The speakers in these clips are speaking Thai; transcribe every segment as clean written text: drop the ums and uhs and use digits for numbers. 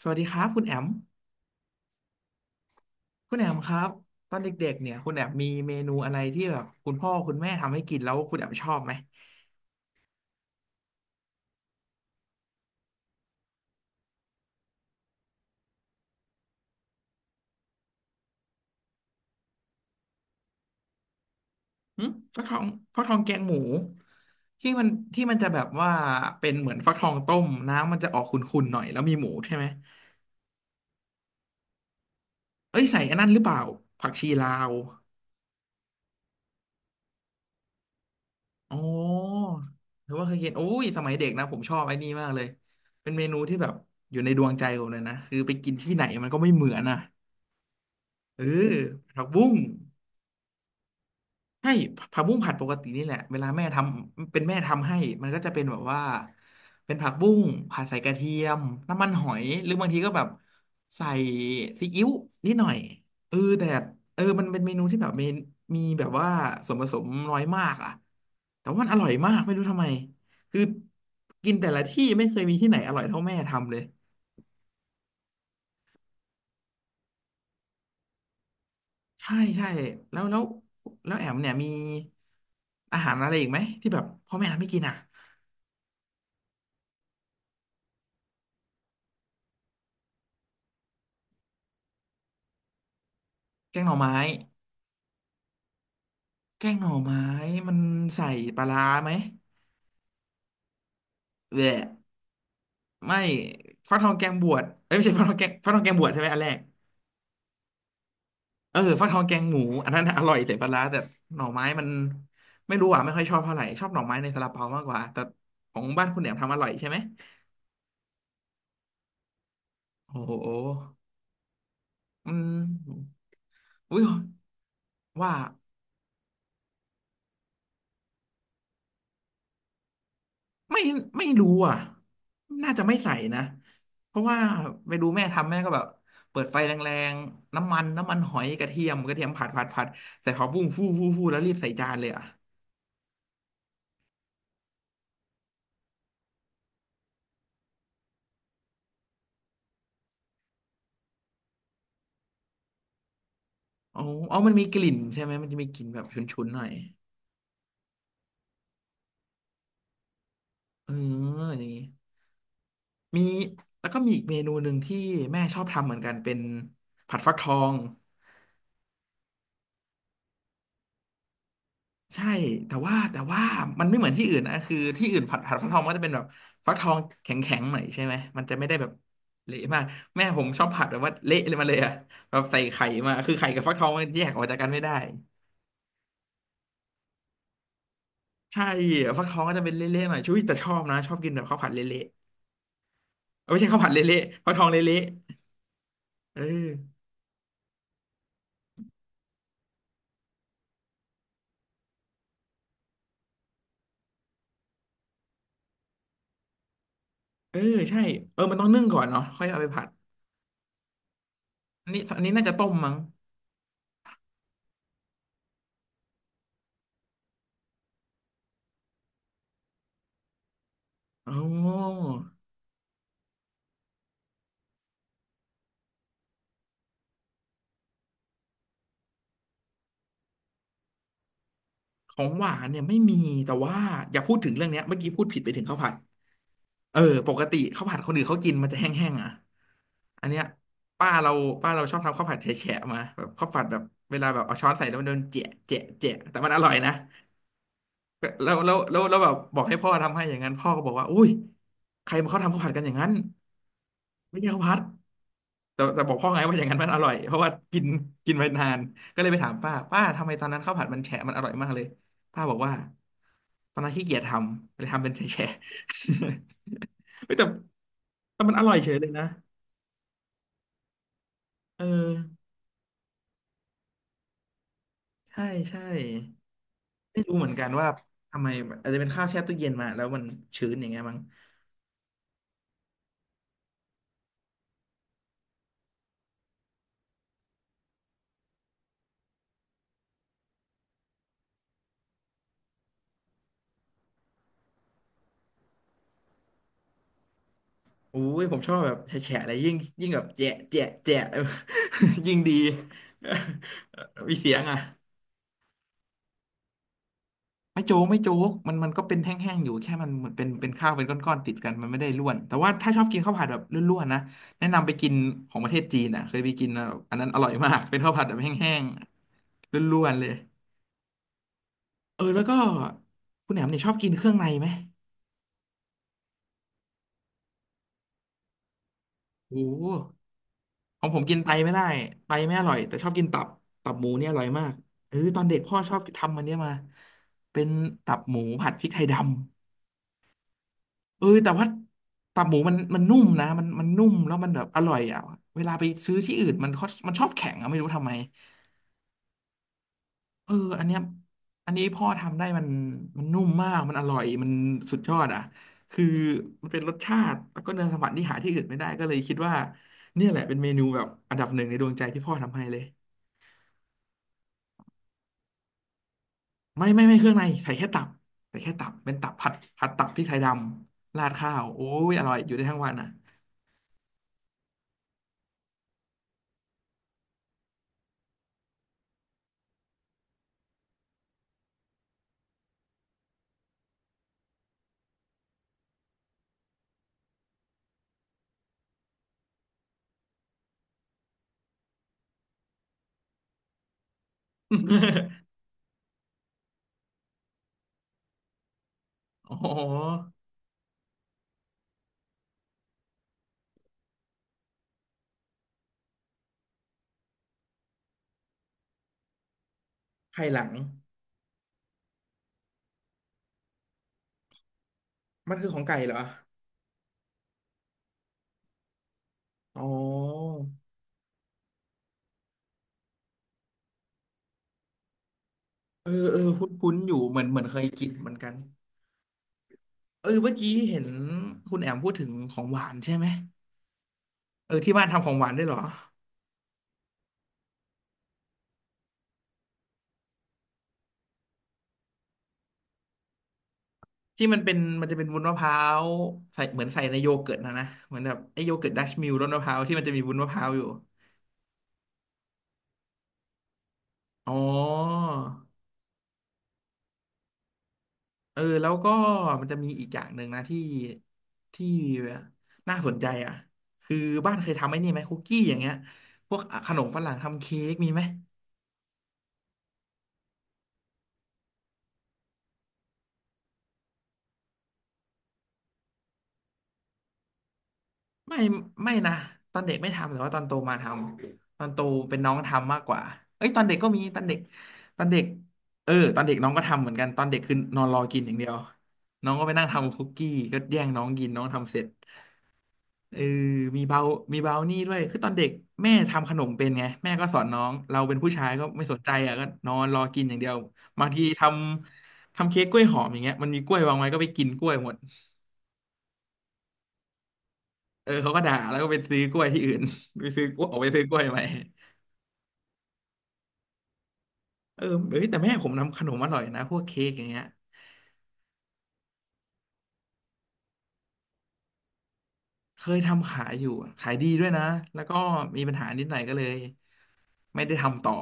สวัสดีครับคุณแอมคุณแอมครับตอนเด็กๆเนี่ยคุณแอมมีเมนูอะไรที่แบบคุณพ่อคุณแม่ทำให้กินแล้วคุณแอมชอบไหมหึฟักทองฟักทองแกงหมูที่มันที่มันจะแบบว่าเป็นเหมือนฟักทองต้มน้ำมันจะออกขุ่นๆหน่อยแล้วมีหมูใช่ไหมเอ้ยใส่อันนั้นหรือเปล่าผักชีลาวอ๋อหรือว่าเคยกินโอ้ยสมัยเด็กนะผมชอบไอ้นี่มากเลยเป็นเมนูที่แบบอยู่ในดวงใจผมเลยนะคือไปกินที่ไหนมันก็ไม่เหมือนอ่ะเออผักบุ้ง ใช่ผักบุ้งผัดปกตินี่แหละเวลาแม่ทำเป็นแม่ทำให้มันก็จะเป็นแบบว่าเป็นผักบุ้งผัดใส่กระเทียมน้ำมันหอยหรือบางทีก็แบบใส่ซีอิ๊วนิดหน่อยเออแต่เออมันเป็นเมนูที่แบบมีมีแบบว่าส่วนผสมน้อยมากอ่ะแต่ว่ามันอร่อยมากไม่รู้ทำไมคือกินแต่ละที่ไม่เคยมีที่ไหนอร่อยเท่าแม่ทำเลยใช่ใช่แล้วแล้วแล้วแอมเนี่ยมีอาหารอะไรอีกไหมที่แบบพ่อแม่ทำให้กินอ่ะแกงหน่อไม้ แกงหน่อไม้มันใส่ปลาร้าไหมแหวะไม่ฟักทองแกงบวชเอ้ยไม่ใช่ฟักทองแกงฟักทองแกงบวชใช่ไหมอันแรกเออฟักทองแกงหมูอันนั้นน่ะอร่อยใส่ปลาร้าแต่หน่อไม้มันไม่รู้อ่ะไม่ค่อยชอบเท่าไหร่ชอบหน่อไม้ในซาลาเปามากกว่าแต่ของบ้านคุณแหนมทำอร่อยใช่ไหมโอ้โหอืมอุ้ยว่า ไม่ไม่รู้อ่ะน่าจะไม่ใส่นะ เพราะว่าไปดูแม่ทำแม่ก็แบบเปิดไฟแรงๆ น้ำมันหอยกระเทียมผัดใส่ผักบุ้งฟูฟูฟูแล้วรีบใส่จานเลยอ่ะอ๋ออ๋อมันมีกลิ่นใช่ไหมมันจะมีกลิ่นแบบฉุนๆ หน่อยเอออย่างงี้มี แล้วก็มีอีกเมนูหนึ่งที่แม่ชอบทำเหมือนกันเป็นผัดฟักทอง ใช่แต่ว่ามันไม่เหมือนที่อื่นนะคือที่อื่นผัดผัดฟักทองมันก็จะเป็นแบบฟักทองแข็งแข็งหน่อยใช่ไหมมันจะไม่ได้แบบเละมากแม่ผมชอบผัดแบบว่าเละเลยมาเลยอะแบบใส่ไข่มาคือไข่กับฟักทองมันแยกออกจากกันไม่ได้ใช่ฟักทองก็จะเป็นเละๆหน่อยช่วยแต่ชอบนะชอบกินแบบข้าวผัดเละๆเอ้ยไม่ใช่ข้าวผัดเละๆฟักทองเละๆเออเออใช่เออมันต้องนึ่งก่อนเนาะค่อยเอาไปผัดอันนี้น่าจะต้มมั้งโอ้ของหวานเนี่ยไม่มีแต่ว่าอย่าพูดถึงเรื่องเนี้ยเมื่อกี้พูดผิดไปถึงข้าวผัด เออปกติข้าวผัดคนอื่นเขากินมันจะแห้งๆอ่ะ อันเนี้ยป้าเราป้าเราชอบทำข้าวผัดแฉะๆมาแบบข้าวผัดแบบเวลาแบบเอาช้อนใส่แล้วมันโดนเจะแต่มันอร่อยนะ แล้วแบบบอกให้พ่อทำให้อย่างนั้นพ่อก็บอกว่าอุ้ยใครมาเขาทำข้าวผัดกันอย่างนั้นไม่ใช่ข้าวผัดแต่บอกพ่อไงว่าอย่างนั้นมันอร่อยเพราะว่ากินกินไปนานก็เลยไปถามป้าทำไมตอนนั้นข้าวผัดมันแฉะมันอร่อยมากเลยป้าบอกว่าตอนนั้นขี้เกียจทำเลยทำเป็นแฉะๆ เฮ้ยแต่มันอร่อยเฉยเลยนะเออใช่ใช่ไม่รู้เหมือนกันว่าทำไมอาจจะเป็นข้าวแช่ตู้เย็นมาแล้วมันชื้นอย่างเงี้ยมั้ง อุ้ยผมชอบแบบแฉะๆอะไรยิ่งแบบแจะแจะแจะ ยิ่งดี มีเสียงอ่ะไม่โจ๊กมันก็เป็นแห้งๆอยู่แค่มันเหมือนเป็นข้าวเป็นก้อนๆติดกันมันไม่ได้ร่วนแต่ว่าถ้าชอบกินข้าวผัดแบบร่วนๆนะแนะนำไปกินของประเทศจีนอ่ะเคยไปกินแล้วอันนั้นอร่อยมากเป็นข้าวผัดแบบแห้งๆร่วนๆเลยเออแล้วก็คุณแหนมเนี่ยชอบกินเครื่องในไหมโอ้ ของผมกินไตไม่ได้ไตไม่อร่อยแต่ชอบกินตับตับหมูเนี่ยอร่อยมากเออตอนเด็กพ่อชอบทำมันเนี้ยมาเป็นตับหมูผัดพริกไทยดำเออแต่ว่าตับหมูมันนุ่มนะมันนุ่มแล้วมันแบบอร่อยอ่ะเวลาไปซื้อที่อื่นมันเขามันชอบแข็งอะไม่รู้ทำไมเอออันเนี้ยอันนี้พ่อทำได้มันมันนุ่มมากมันอร่อยมันสุดยอดอ่ะคือมันเป็นรสชาติแล้วก็เนื้อสัมผัสที่หาที่อื่นไม่ได้ก็เลยคิดว่าเนี่ยแหละเป็นเมนูแบบอันดับหนึ่งในดวงใจที่พ่อทำให้เลย ไม่เครื่องในใส่แค่ตับใส่แค่ตับเป็นตับผัดผัดตับที่ไทยดำราดข้าวโอ้ยอร่อยอยู่ได้ทั้งวันอ่ะ อ๋อไข่หลังมันคือของไก่เหรออ๋อเออเออคุ้นๆอยู่เหมือนเคยกินเหมือนกันเออเมื่อกี้เห็นคุณแอมพูดถึงของหวานใช่ไหมเออที่บ้านทำของหวานด้วยเหรอที่มันเป็นมันจะเป็นวุ้นมะพร้าวใส่เหมือนใส่ในโยเกิร์ตนะเหมือนแบบไอ้โยเกิร์ตดัชมิลรสมะพร้าวที่มันจะมีวุ้นมะพร้าวอยู่อ๋อ เออแล้วก็มันจะมีอีกอย่างหนึ่งนะที่น่าสนใจอ่ะคือบ้านเคยทำไอ้นี่ไหมคุกกี้อย่างเงี้ยพวกขนมฝรั่งทำเค้กมีไหมไม่ไม่นะตอนเด็กไม่ทำแต่ว่าตอนโตมาทำตอนโตเป็นน้องทำมากกว่าเอ้ยตอนเด็กก็มีตอนเด็กเออตอนเด็กน้องก็ทำเหมือนกันตอนเด็กคือนอนรอกินอย่างเดียวน้องก็ไปนั่งทำคุกกี้ก็แย่งน้องกินน้องทำเสร็จ เออมีเบามีเบานี่ด้วยคือตอนเด็กแม่ทำขนมเป็นไงแม่ก็สอนน้อง เราเป็นผู้ชายก็ไม่สนใจอ่ะก็นอนรอกินอย่างเดียวบางทีทำเค้กกล้วยหอมอย่างเงี้ยมันมีกล้วยวางไว้ก็ไปกินกล้วยหมดเออเขาก็ด่าแล้วก็ไปซื้อกล้วยที่อื่น ไปซื้อกล้วยออกไปซื้อกล้วยใหม่เออเอ้ยแต่แม่ผมทำขนมอร่อยนะพวกเค้กอย่างเงี้ยเคยทำขายอยู่ขายดีด้วยนะ แล้วก็มีปัญหานิดหน่อยก็เลยไม่ได้ทำต่อ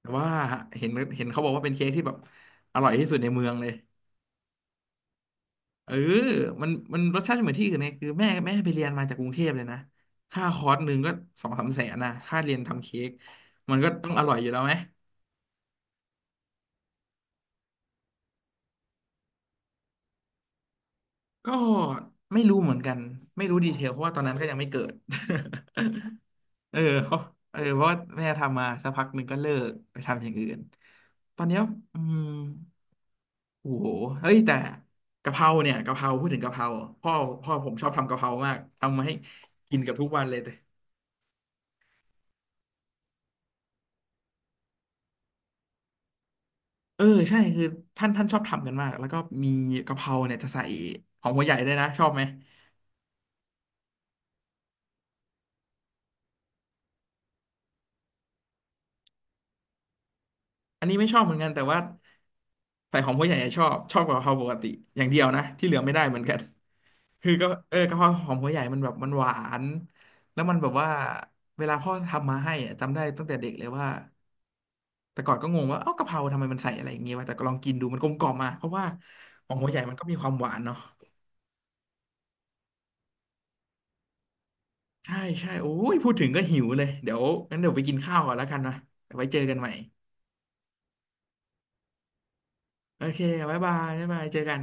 แต่ว่าเห็นเห็นเขาบอกว่าเป็นเค้กที่แบบอร่อยที่สุดในเมืองเลย เออมันมันรสชาติไม่เหมือนที่อื่นไงคือแม่ไปเรียนมาจากกรุงเทพเลยนะ ค่าคอร์สหนึ่งก็สองสามแสนนะค่าเรียนทำเค้กมันก็ต้องอร่อยอยู่แล้วไหม ก็ไม่รู้เหมือนกัน ไม่รู้ดีเทลเพราะว่าตอนนั้นก็ยังไม่เกิด เออเพราะเออเพราะว่าแม่ทำมาสักพักหนึ่งก็เลิกไปทำอย่างอื่น ตอนเนี้ยอืมโอ้โหเฮ้ยแต่กะเพราเนี่ยกะเพราพูดถึงกะเพราพ่อพ่อผมชอบทำกะเพรามากทำมาให้กินกับทุกวันเลย เออใช่คือท่านชอบทำกันมากแล้วก็มีกะเพราเนี่ยจะใส่หอมหัวใหญ่ด้วยนะชอบไหมอันนี้ไม่ชอบเหมือนกันแต่ว่าใส่หอมหัวใหญ่อะชอบกว่ากะเพราปกติอย่างเดียวนะที่เหลือไม่ได้เหมือนกัน คือก็เออกะเพราหอมหัวใหญ่มันแบบมันหวานแล้วมันแบบว่าเวลาพ่อทำมาให้อะจำได้ตั้งแต่เด็กเลยว่าแต่ก่อนก็งงว่าเอ้ากะเพราทำไมมันใส่อะไรอย่างเงี้ยวะแต่ก็ลองกินดูมันกลมกล่อมมาเพราะว่าหอมหัวใหญ่มันก็มีความหวานเนาะใช่ใช่โอ้ยพูดถึงก็หิวเลยเดี๋ยวงั้นเดี๋ยวไปกินข้าวก่อนแล้วกันนะเดี๋ยวไว้เจอกันใหม่ โอเคบ๊ายบายบ๊ายบายเจอกัน